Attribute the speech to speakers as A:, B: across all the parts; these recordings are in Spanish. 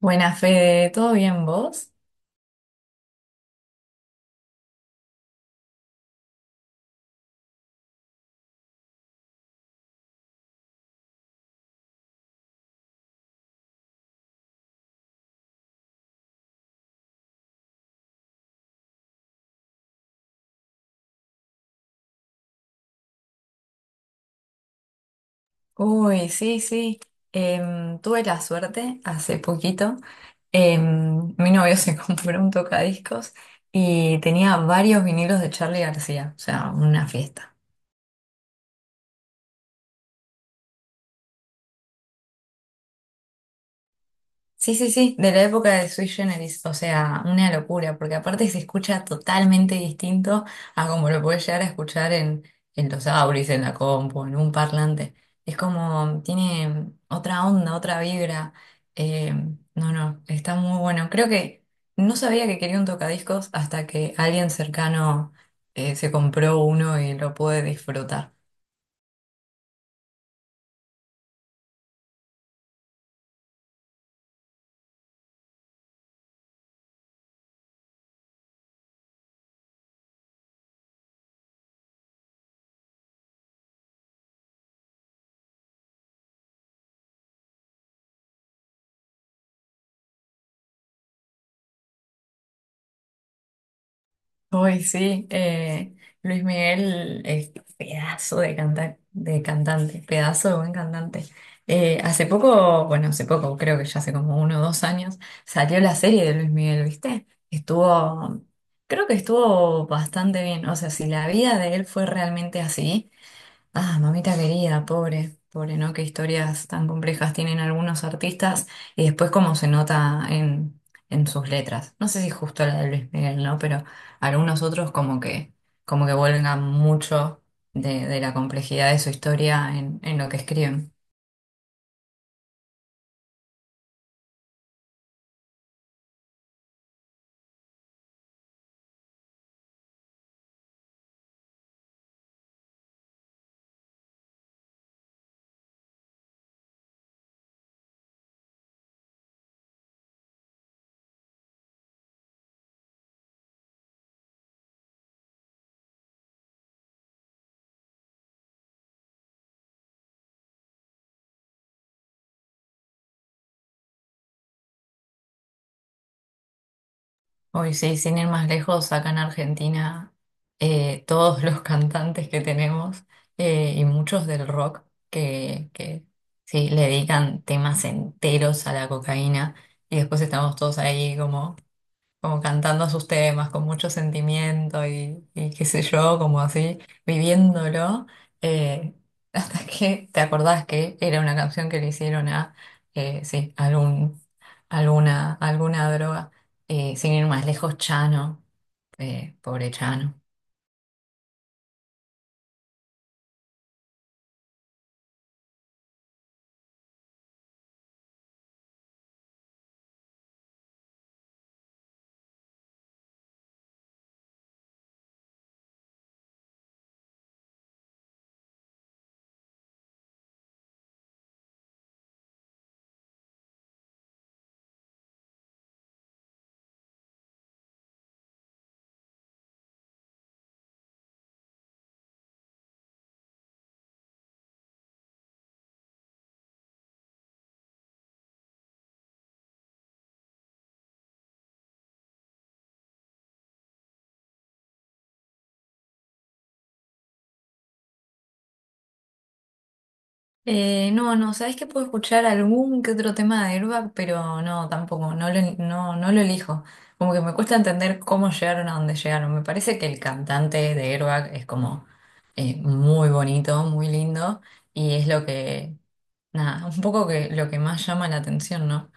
A: Buenas, Fede, ¿todo bien vos? Uy, sí, sí. Tuve la suerte hace poquito. Mi novio se compró un tocadiscos y tenía varios vinilos de Charly García, o sea, una fiesta. Sí, sí, sí, de la época de Sui Generis, o sea, una locura, porque aparte se escucha totalmente distinto a como lo puedes llegar a escuchar en los auris, en la compu, en un parlante. Es como, tiene otra onda, otra vibra. Eh, no, no, está muy bueno. Creo que no sabía que quería un tocadiscos hasta que alguien cercano se compró uno y lo pude disfrutar. Hoy sí, Luis Miguel es pedazo de de cantante, pedazo de buen cantante. Hace poco, bueno, hace poco, creo que ya hace como uno o dos años, salió la serie de Luis Miguel, ¿viste? Estuvo, creo que estuvo bastante bien. O sea, si la vida de él fue realmente así, ah, mamita querida, pobre, pobre, ¿no? Qué historias tan complejas tienen algunos artistas y después cómo se nota en sus letras. No sé si justo la de Luis Miguel, ¿no? Pero algunos otros como como que vuelven mucho de la complejidad de su historia en lo que escriben. Hoy sí, sin ir más lejos, acá en Argentina, todos los cantantes que tenemos y muchos del rock que sí, le dedican temas enteros a la cocaína y después estamos todos ahí como como cantando sus temas con mucho sentimiento y qué sé yo, como así, viviéndolo, eh, hasta que te acordás que era una canción que le hicieron a, sí, alguna droga. Sin ir más lejos, Chano, pobre Chano. No, no, sabes que puedo escuchar algún que otro tema de Airbag, pero no, tampoco, no, no lo elijo. Como que me cuesta entender cómo llegaron a donde llegaron. Me parece que el cantante de Airbag es como muy bonito, muy lindo, y es lo nada, un poco que lo que más llama la atención, ¿no?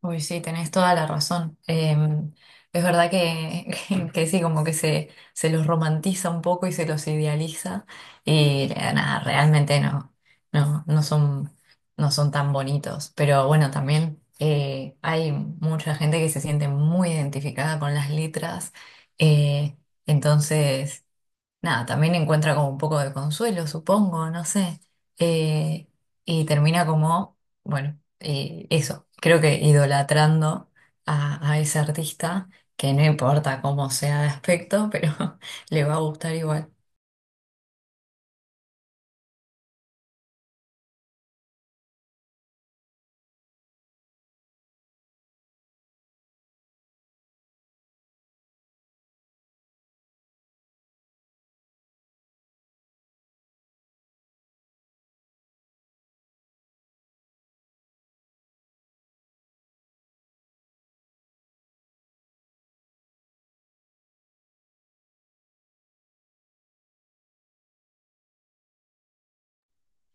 A: Uy, sí, tenés toda la razón. Es verdad que sí, como que se los romantiza un poco y se los idealiza. Y nada, realmente no, no son, no son tan bonitos. Pero bueno, también hay mucha gente que se siente muy identificada con las letras. eh, entonces. Nada, también encuentra como un poco de consuelo, supongo, no sé. Eh, y termina como, bueno, eso, creo que idolatrando a ese artista, que no importa cómo sea de aspecto, pero le va a gustar igual.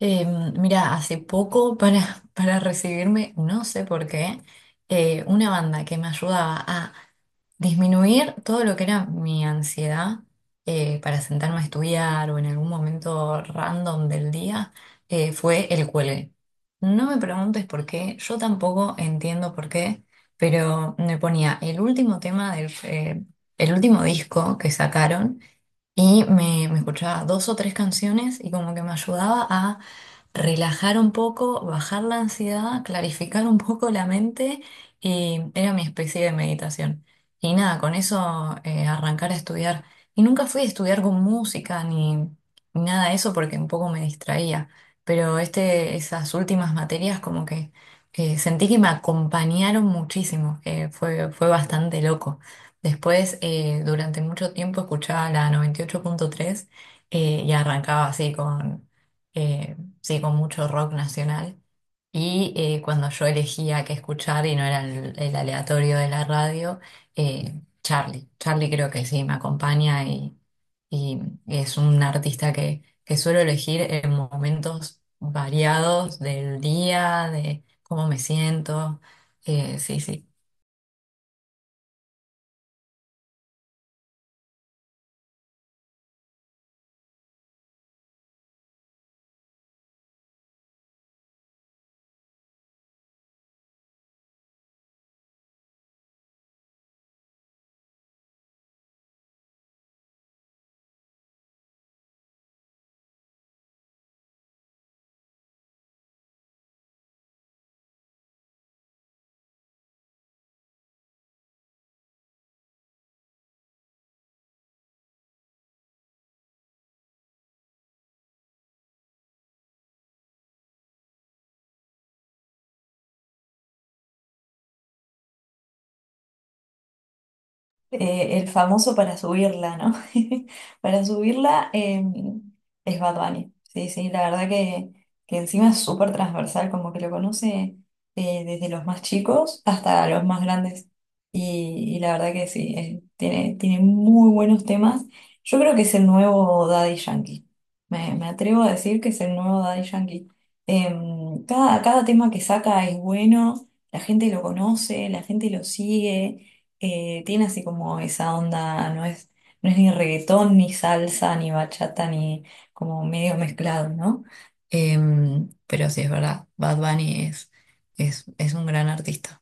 A: Mira, hace poco para recibirme, no sé por qué, una banda que me ayudaba a disminuir todo lo que era mi ansiedad para sentarme a estudiar o en algún momento random del día, fue El Cuelgue. No me preguntes por qué, yo tampoco entiendo por qué, pero me ponía el último tema del el último disco que sacaron y me escuchaba 2 o 3 canciones y como que me ayudaba relajar un poco, bajar la ansiedad, clarificar un poco la mente y era mi especie de meditación. Y nada, con eso arrancar a estudiar. Y nunca fui a estudiar con música ni nada de eso porque un poco me distraía. Pero este, esas últimas materias como que sentí que me acompañaron muchísimo, que fue bastante loco. Después, durante mucho tiempo escuchaba la 98.3 y arrancaba así con eh, sí, con mucho rock nacional. Y cuando yo elegía qué escuchar y no era el aleatorio de la radio, Charlie. Charlie creo que sí, me acompaña y es un artista que suelo elegir en momentos variados del día, de cómo me siento. Sí, sí. El famoso para subirla, ¿no? Para subirla es Bad Bunny. Sí, sí, la verdad que encima es súper transversal, como que lo conoce desde los más chicos hasta los más grandes. Y la verdad que sí, tiene, tiene muy buenos temas. Yo creo que es el nuevo Daddy Yankee. Me atrevo a decir que es el nuevo Daddy Yankee. Cada tema que saca es bueno, la gente lo conoce, la gente lo sigue, tiene así como esa onda, no es, no es ni reggaetón, ni salsa, ni bachata, ni como medio mezclado, ¿no? Pero sí, es verdad, Bad Bunny es un gran artista.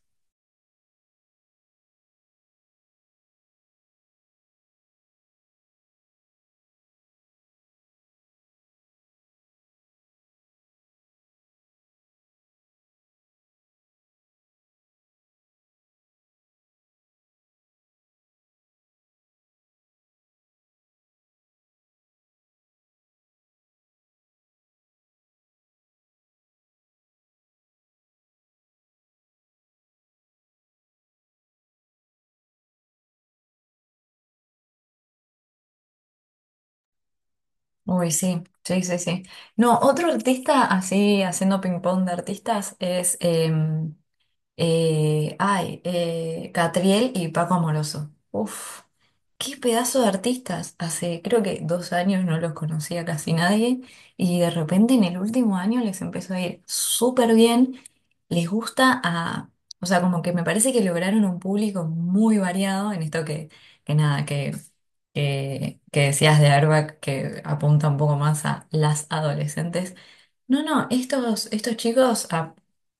A: Uy, sí, sí, sí, sí. No, otro artista así, haciendo ping-pong de artistas, es Catriel y Paco Amoroso. Uf, qué pedazo de artistas. Hace creo que 2 años no los conocía casi nadie y de repente en el último año les empezó a ir súper bien. Les gusta a, o sea, como que me parece que lograron un público muy variado en esto que nada, que decías de Arbac que apunta un poco más a las adolescentes. No, no, estos chicos ah,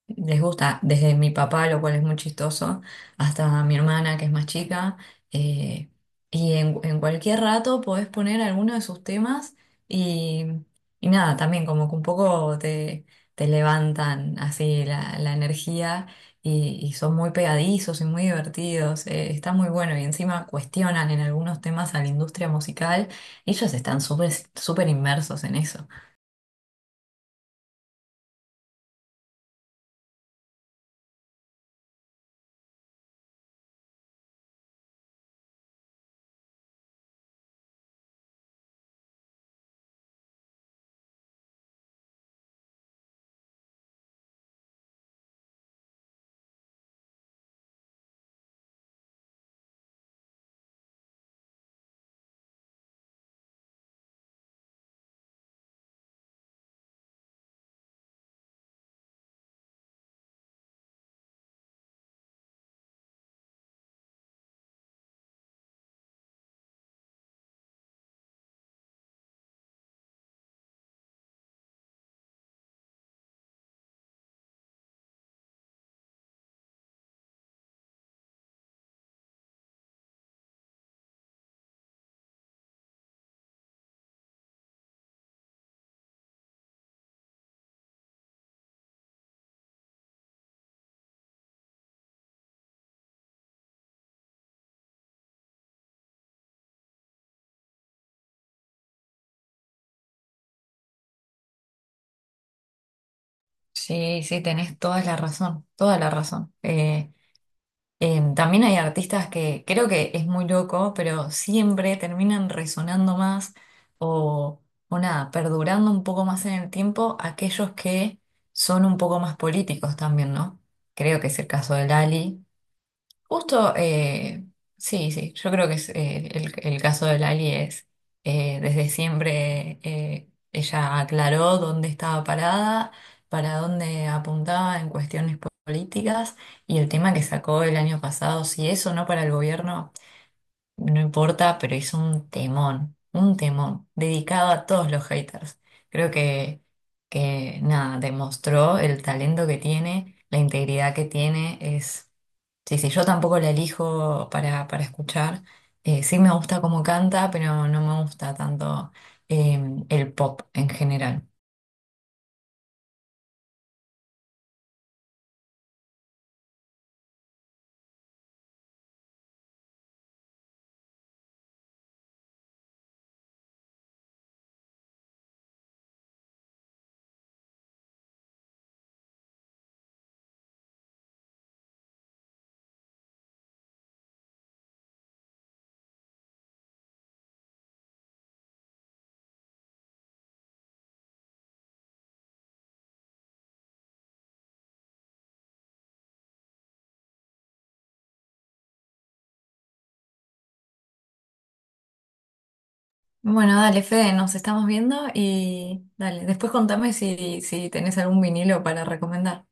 A: les gusta desde mi papá, lo cual es muy chistoso, hasta mi hermana, que es más chica, eh, y en cualquier rato podés poner alguno de sus temas y, y nada, también como que un poco te levantan así la energía y son muy pegadizos y muy divertidos, está muy bueno y encima cuestionan en algunos temas a la industria musical, ellos están súper súper inmersos en eso. Sí, sí, tenés toda la razón, toda la razón. También hay artistas que creo que es muy loco, pero siempre terminan resonando más o, o nada, perdurando un poco más en el tiempo aquellos que son un poco más políticos también, ¿no? Creo que es el caso de Lali. Justo, sí, sí, yo creo que es, el caso de Lali es, desde siempre ella aclaró dónde estaba parada, para dónde apuntaba en cuestiones políticas y el tema que sacó el año pasado, si eso no para el gobierno. No importa, pero hizo un temón, dedicado a todos los haters. Creo que nada, demostró el talento que tiene, la integridad que tiene, es... Sí, sí, yo tampoco la elijo para escuchar. Sí me gusta cómo canta, pero no me gusta tanto eh, el pop en general. Bueno, dale, Fede, nos estamos viendo y dale, después contame si tenés algún vinilo para recomendar.